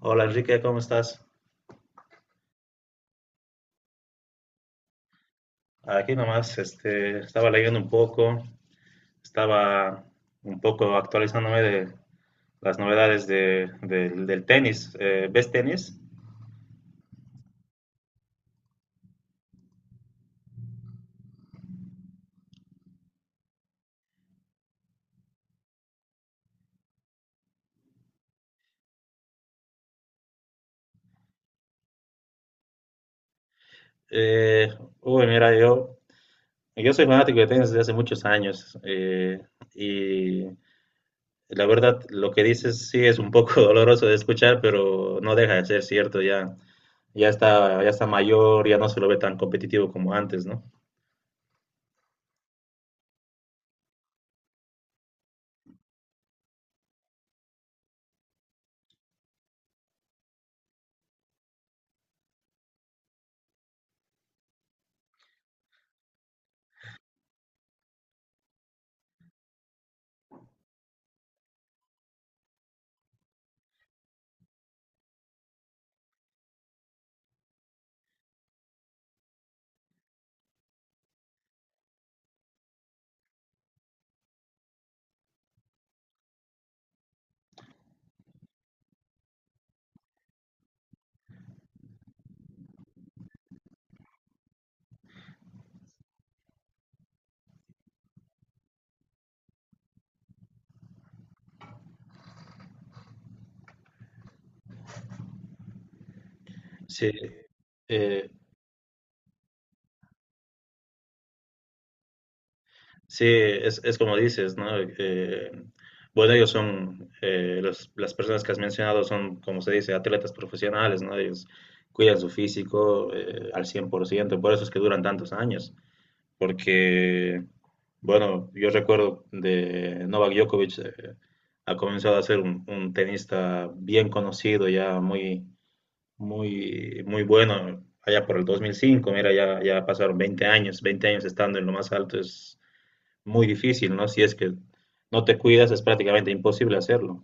Hola Enrique, ¿cómo estás? Aquí nomás, estaba leyendo un poco, estaba un poco actualizándome de las novedades del tenis. ¿Ves tenis? Eh, Mira, yo soy fanático de tenis desde hace muchos años y la verdad lo que dices sí es un poco doloroso de escuchar, pero no deja de ser cierto, ya, ya está mayor, ya no se lo ve tan competitivo como antes, ¿no? Sí, eh, sí, es como dices, ¿no? Eh, bueno, las personas que has mencionado son, como se dice, atletas profesionales, ¿no? Ellos cuidan su físico al cien por ciento, por eso es que duran tantos años, porque, bueno, yo recuerdo de Novak Djokovic, ha comenzado a ser un tenista bien conocido, ya muy, muy, muy bueno, allá por el 2005. Mira, ya, ya pasaron 20 años, 20 años estando en lo más alto, es muy difícil, ¿no? Si es que no te cuidas, es prácticamente imposible hacerlo.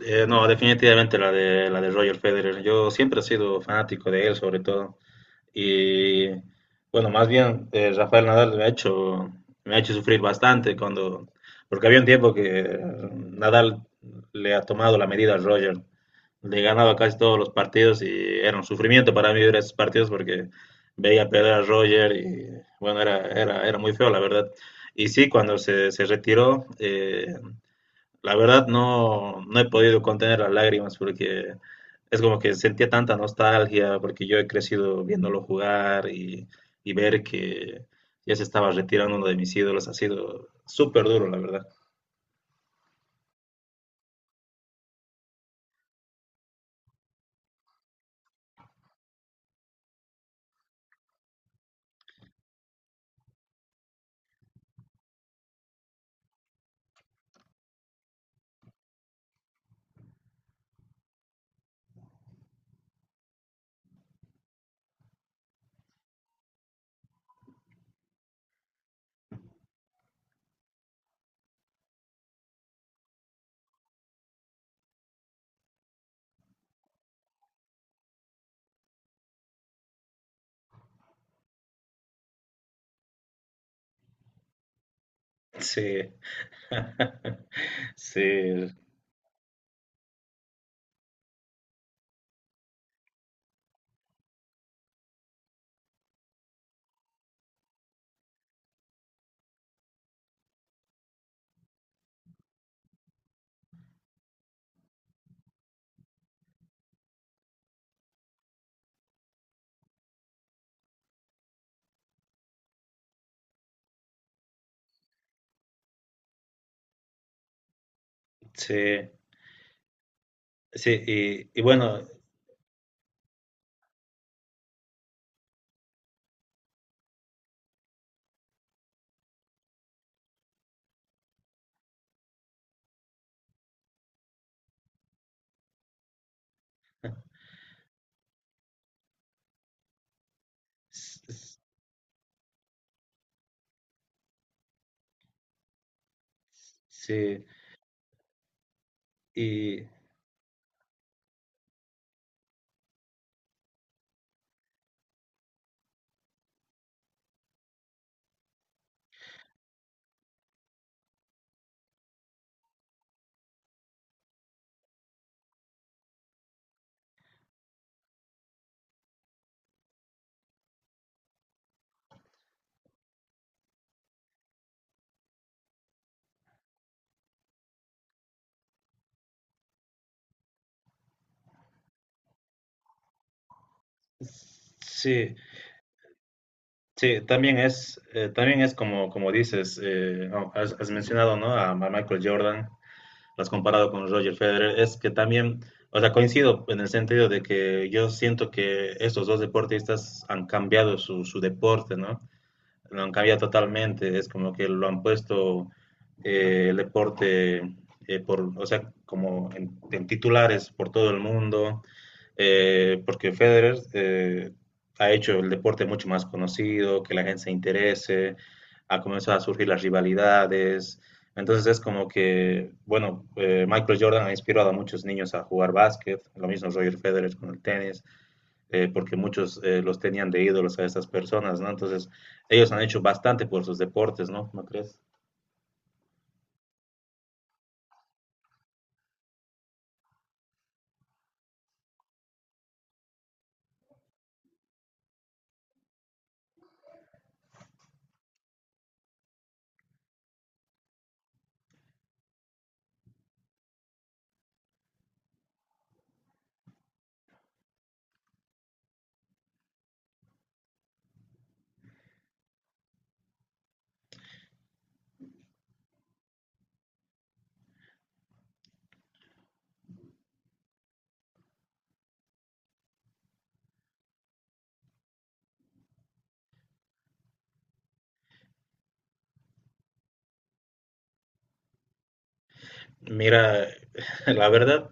No, definitivamente la de Roger Federer. Yo siempre he sido fanático de él, sobre todo. Y bueno, más bien Rafael Nadal me ha hecho sufrir bastante cuando, porque había un tiempo que Nadal le ha tomado la medida a Roger, le ganaba casi todos los partidos y era un sufrimiento para mí ver esos partidos porque veía perder a Roger y bueno, era muy feo la verdad. Y sí, cuando se retiró, la verdad no, no he podido contener las lágrimas porque es como que sentía tanta nostalgia porque yo he crecido viéndolo jugar y ver que ya se estaba retirando uno de mis ídolos ha sido súper duro, la verdad. Sí, sí, sí, sí, y bueno, s- sí, y sí, sí, también es como, como dices, no, has mencionado, ¿no? A Michael Jordan. Lo has comparado con Roger Federer, es que también, o sea, coincido en el sentido de que yo siento que estos dos deportistas han cambiado su, su deporte, ¿no? Lo han cambiado totalmente, es como que lo han puesto el deporte, o sea, como en titulares por todo el mundo, porque Federer ha hecho el deporte mucho más conocido, que la gente se interese, ha comenzado a surgir las rivalidades. Entonces es como que, bueno, Michael Jordan ha inspirado a muchos niños a jugar básquet, lo mismo Roger Federer con el tenis, porque muchos los tenían de ídolos a estas personas, ¿no? Entonces, ellos han hecho bastante por sus deportes, ¿no? ¿No crees? Mira, la verdad,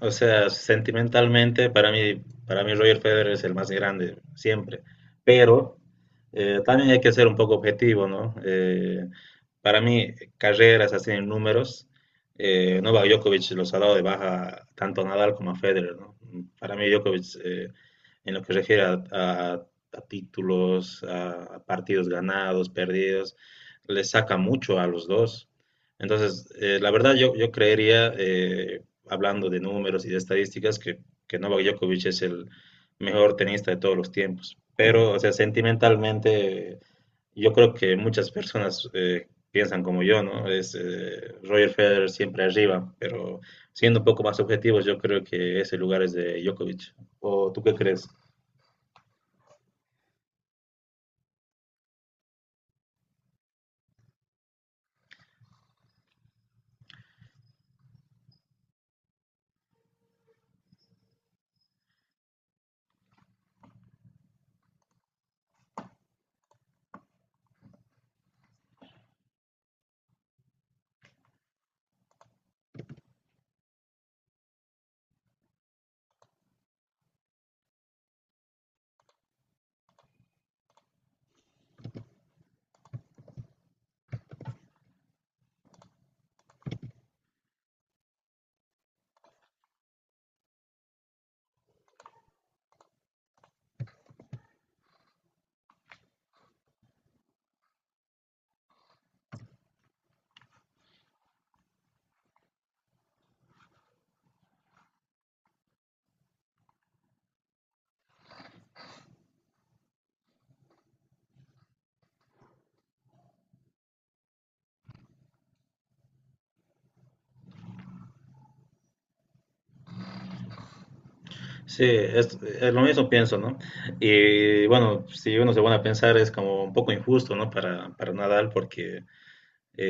o sea, sentimentalmente para mí Roger Federer es el más grande siempre, pero también hay que ser un poco objetivo, ¿no? Para mí, carreras así en números, Novak Djokovic los ha dado de baja tanto a Nadal como a Federer, ¿no? Para mí Djokovic, en lo que se refiere a títulos, a partidos ganados, perdidos, le saca mucho a los dos. Entonces, la verdad yo, yo creería, hablando de números y de estadísticas, que Novak Djokovic es el mejor tenista de todos los tiempos. Pero, o sea, sentimentalmente, yo creo que muchas personas piensan como yo, ¿no? Es Roger Federer siempre arriba, pero siendo un poco más objetivos, yo creo que ese lugar es de Djokovic. ¿O tú qué crees? Sí, es lo mismo pienso, ¿no? Y bueno, si uno se pone a pensar es como un poco injusto, ¿no? Para Nadal porque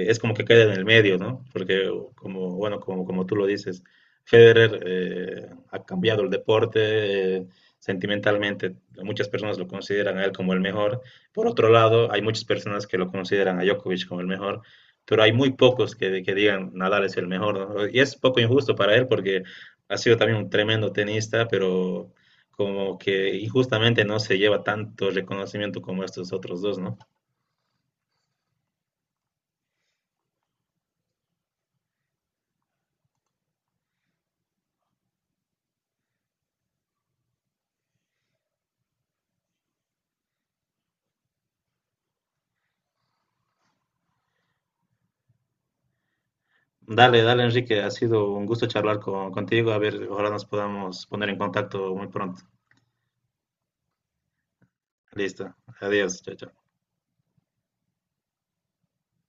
es como que queda en el medio, ¿no? Porque como, bueno, como, como tú lo dices, Federer ha cambiado el deporte, sentimentalmente. Muchas personas lo consideran a él como el mejor. Por otro lado, hay muchas personas que lo consideran a Djokovic como el mejor, pero hay muy pocos que digan Nadal es el mejor, ¿no? Y es poco injusto para él porque ha sido también un tremendo tenista, pero como que injustamente no se lleva tanto reconocimiento como estos otros dos, ¿no? Dale, dale, Enrique. Ha sido un gusto charlar contigo. A ver, ojalá nos podamos poner en contacto muy pronto. Listo. Adiós. Chao, chao.